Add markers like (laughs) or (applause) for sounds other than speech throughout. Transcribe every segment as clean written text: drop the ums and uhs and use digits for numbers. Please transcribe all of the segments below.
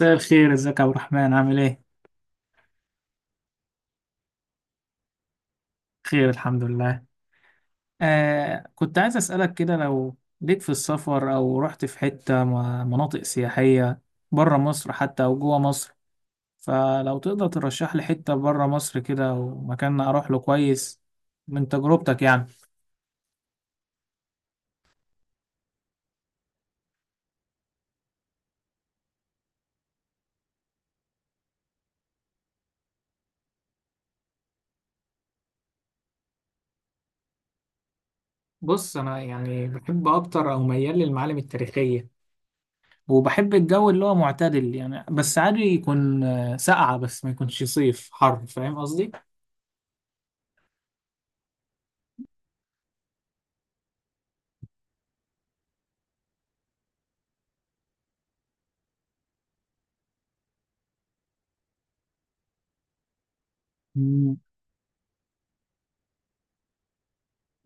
مساء الخير، ازيك يا عبد الرحمن؟ عامل ايه؟ خير، الحمد لله. كنت عايز اسألك كده، لو ليك في السفر او رحت في حتة مناطق سياحية بره مصر حتى او جوه مصر، فلو تقدر ترشح لي حتة بره مصر كده ومكان اروح له كويس من تجربتك يعني. بص، انا يعني بحب اكتر او ميال للمعالم التاريخيه، وبحب الجو اللي هو معتدل يعني، بس عادي يكون ساقعة، بس ما يكونش صيف حر. فاهم قصدي؟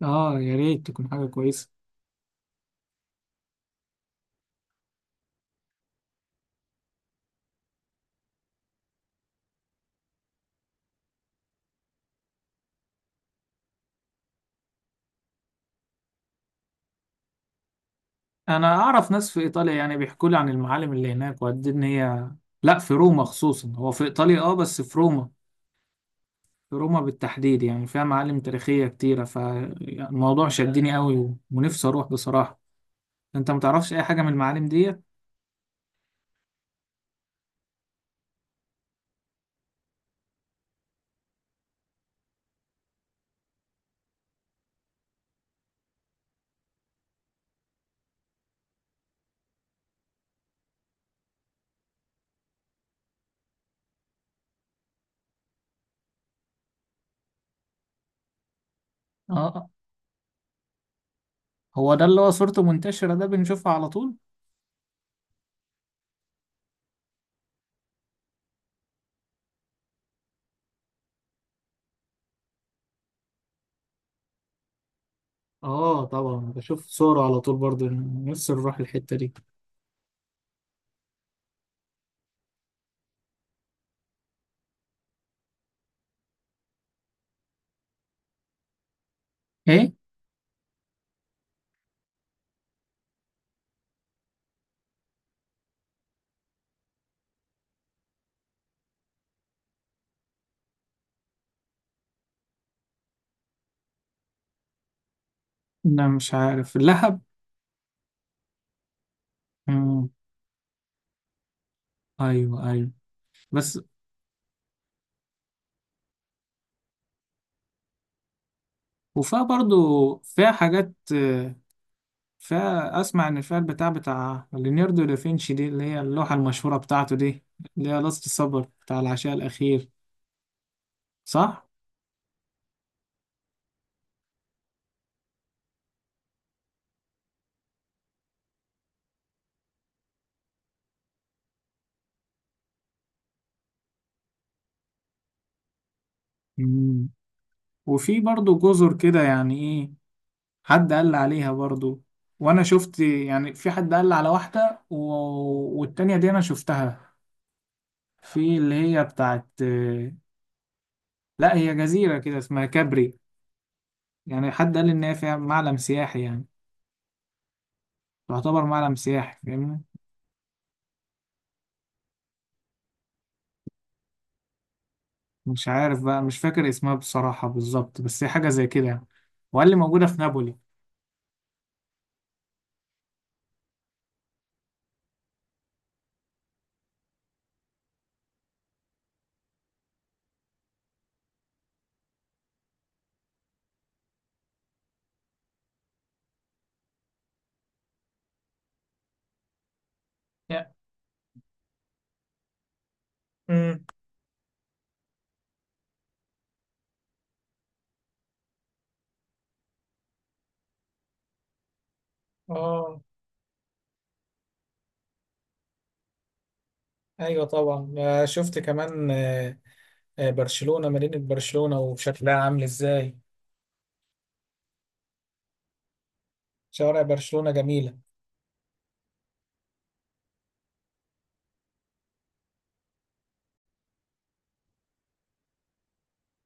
اه، يا ريت تكون حاجة كويسة. انا اعرف ناس في ايطاليا يعني بيحكوا لي عن المعالم اللي هناك وقد إيه ان هي، لا، في روما خصوصا، هو في ايطاليا اه، بس في روما. في روما بالتحديد يعني فيها معالم تاريخية كتيرة، فالموضوع شدني قوي ونفسي اروح بصراحة. انت متعرفش اي حاجة من المعالم دي؟ اه، هو ده اللي هو صورته منتشرة، ده بنشوفها على طول. اه طبعا، بشوف صوره على طول برضه. نفسي نروح الحتة دي. ايه. لا، مش عارف. اللهب؟ مم. ايوه، ايوه. بس. وفيها برضو، فيها حاجات فيها، أسمع إن فيها البتاع بتاع ليوناردو دافنشي دي، اللي هي اللوحة المشهورة بتاعته دي، اللي هي لاست سبر بتاع العشاء الأخير، صح؟ مم. وفي برضو جزر كده، يعني إيه؟ حد قال لي عليها برضو، وأنا شفت يعني، في حد قال لي على واحدة والتانية دي أنا شفتها، في اللي هي بتاعت لا، هي جزيرة كده اسمها كابري. يعني حد قال لي إن هي فيها معلم سياحي يعني، تعتبر معلم سياحي، فاهمني؟ مش عارف بقى، مش فاكر اسمها بصراحة بالظبط، بس هي حاجة زي كده يعني. وقال لي موجودة في نابولي. يا امم. اه، ايوه طبعا. شفت كمان، برشلونة. مدينة برشلونة وشكلها عامل ازاي، شوارع برشلونة جميلة.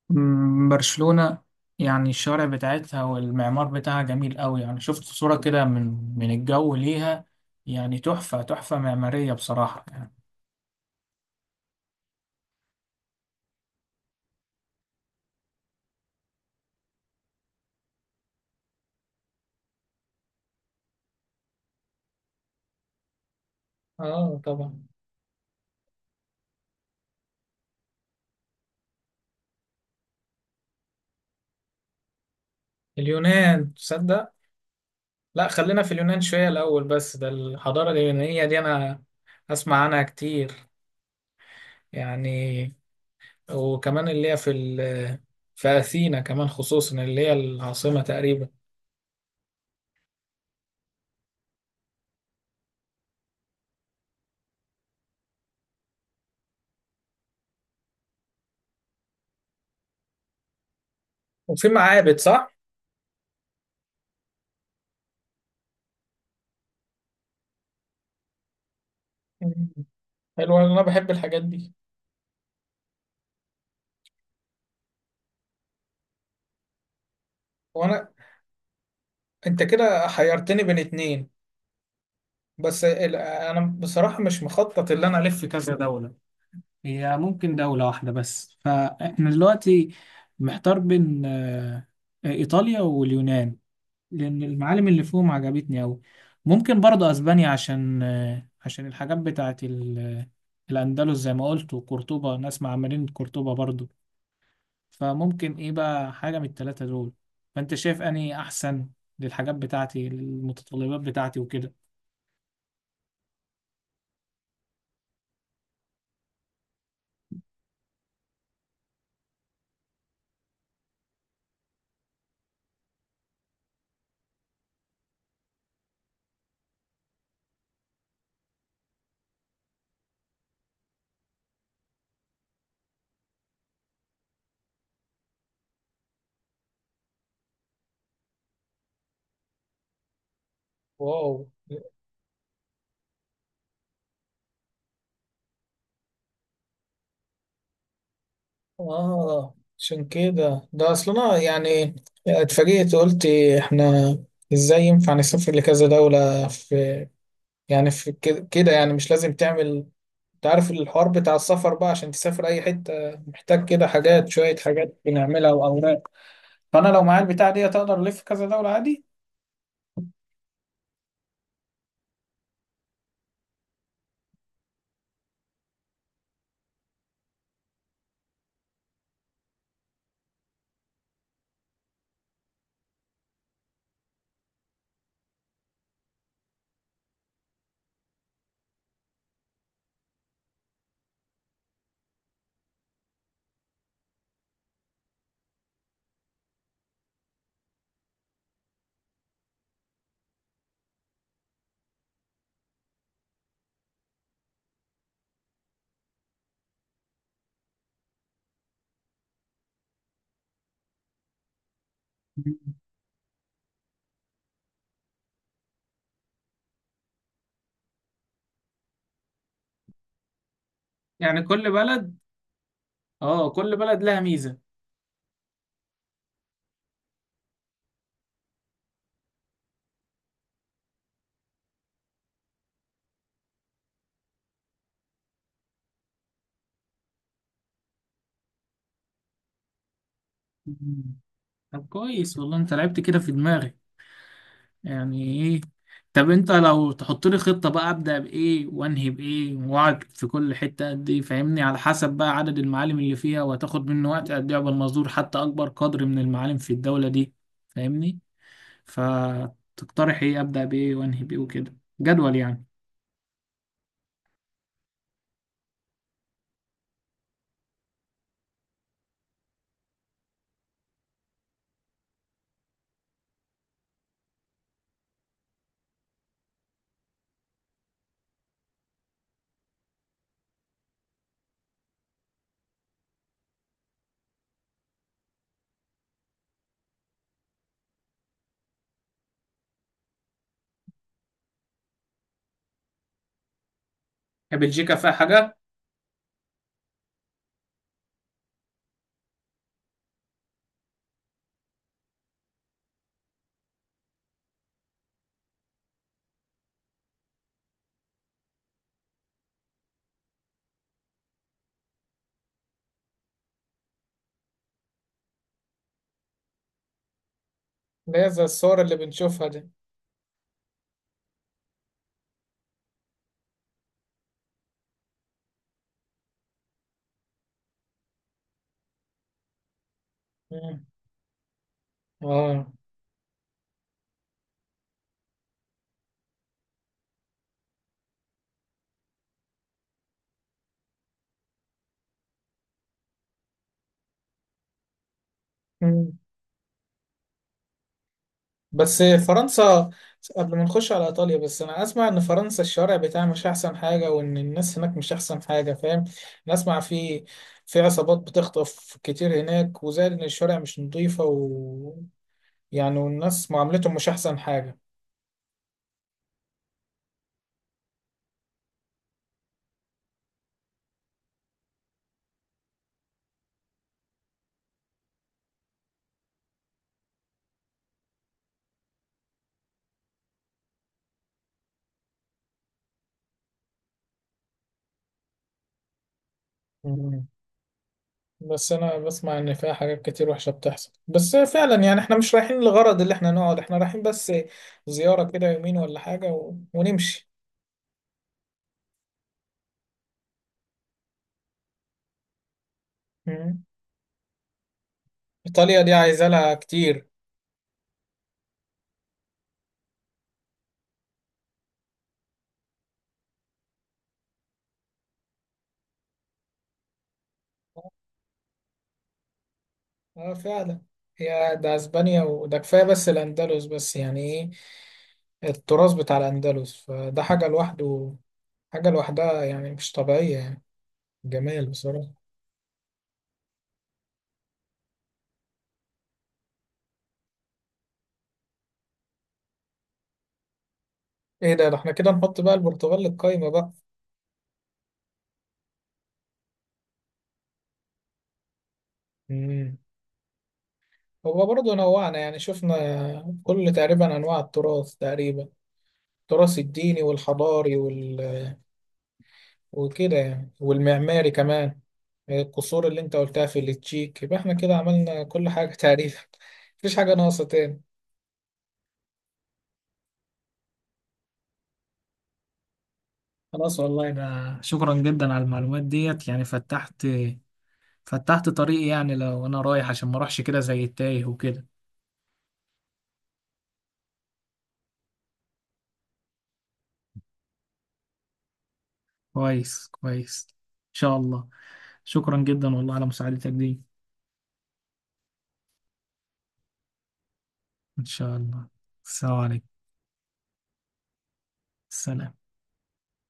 مم، برشلونة. يعني الشوارع بتاعتها والمعمار بتاعها جميل قوي يعني، شفت صورة كده من الجو ليها، يعني تحفة، تحفة معمارية بصراحة يعني. اه طبعا. اليونان، تصدق؟ لا، خلينا في اليونان شوية الأول، بس ده الحضارة اليونانية دي، أنا أسمع عنها كتير يعني. وكمان اللي هي في أثينا كمان، خصوصا اللي هي العاصمة تقريبا. وفي معابد، صح؟ مم. حلو، أنا بحب الحاجات دي. وأنا أنت كده حيرتني بين اتنين. أنا بصراحة مش مخطط اللي أنا ألف في كذا دولة، هي ممكن دولة واحدة بس. فاحنا دلوقتي محتار بين إيطاليا واليونان، لأن المعالم اللي فيهم عجبتني أوي. ممكن برضه أسبانيا، عشان عشان الحاجات بتاعت الأندلس، زي ما قلت، وقرطبة، ناس مع مدينة قرطبة برضه. فممكن إيه بقى حاجة من التلاتة دول؟ فأنت شايف أني أحسن للحاجات بتاعتي، المتطلبات بتاعتي وكده؟ واو. اه، عشان كده ده اصلا يعني، اتفاجئت، قلت احنا ازاي ينفع نسافر لكذا دولة في. يعني في كده كده يعني، مش لازم تعمل. انت عارف الحوار بتاع السفر بقى، عشان تسافر اي حته محتاج كده حاجات، شويه حاجات بنعملها واوراق. فانا لو معايا البتاع دي، اقدر الف كذا دوله عادي. يعني كل بلد، اه، كل بلد لها ميزة. مم. طب كويس والله، انت لعبت كده في دماغي. يعني ايه؟ طب انت لو تحط لي خطة بقى، ابدأ بايه وانهي بايه، واقعد في كل حتة قد ايه، فاهمني، على حسب بقى عدد المعالم اللي فيها، وهتاخد منه وقت قد ايه، قبل ما ازور حتى اكبر قدر من المعالم في الدولة دي. فاهمني؟ فتقترح ايه، ابدا بايه وانهي بايه وكده، جدول يعني. هي بلجيكا فيها حاجة؟ اللي هي زي الصور اللي بنشوفها دي؟ مم. اه. مم. بس فرنسا، قبل ما نخش على ايطاليا، بس انا اسمع ان فرنسا الشارع بتاعها مش احسن حاجه، وان الناس هناك مش احسن حاجه. فاهم؟ انا اسمع في عصابات بتخطف كتير هناك، وزائد ان الشارع مش نظيفه، و، يعني والناس معاملتهم مش احسن حاجه. بس انا بسمع ان فيها حاجات كتير وحشة بتحصل، بس فعلا يعني احنا مش رايحين لغرض اللي احنا نقعد، احنا رايحين بس زيارة كده، يومين ولا حاجة ونمشي. مم. ايطاليا دي عايزة لها كتير. اه فعلا. هي ده اسبانيا، وده كفاية بس الاندلس، بس يعني ايه، التراث بتاع الاندلس، فده حاجة لوحده، حاجة لوحدها يعني، مش طبيعية يعني، جمال بصراحة. ايه ده، ده احنا كده نحط بقى البرتغال للقايمة بقى. مم. هو برضه نوعنا يعني، شفنا كل تقريبا أنواع التراث تقريبا، التراث الديني والحضاري وكده يعني، والمعماري كمان، القصور اللي انت قلتها في التشيك. يبقى احنا كده عملنا كل حاجة (laughs) تقريبا، مفيش حاجة ناقصة تاني. خلاص والله، ده شكرا جدا على المعلومات ديت، يعني فتحت طريقي يعني، لو انا رايح عشان ما اروحش كده زي التايه وكده. كويس، كويس. ان شاء الله. شكرا جدا والله على مساعدتك دي. ان شاء الله. السلام عليكم. سلام.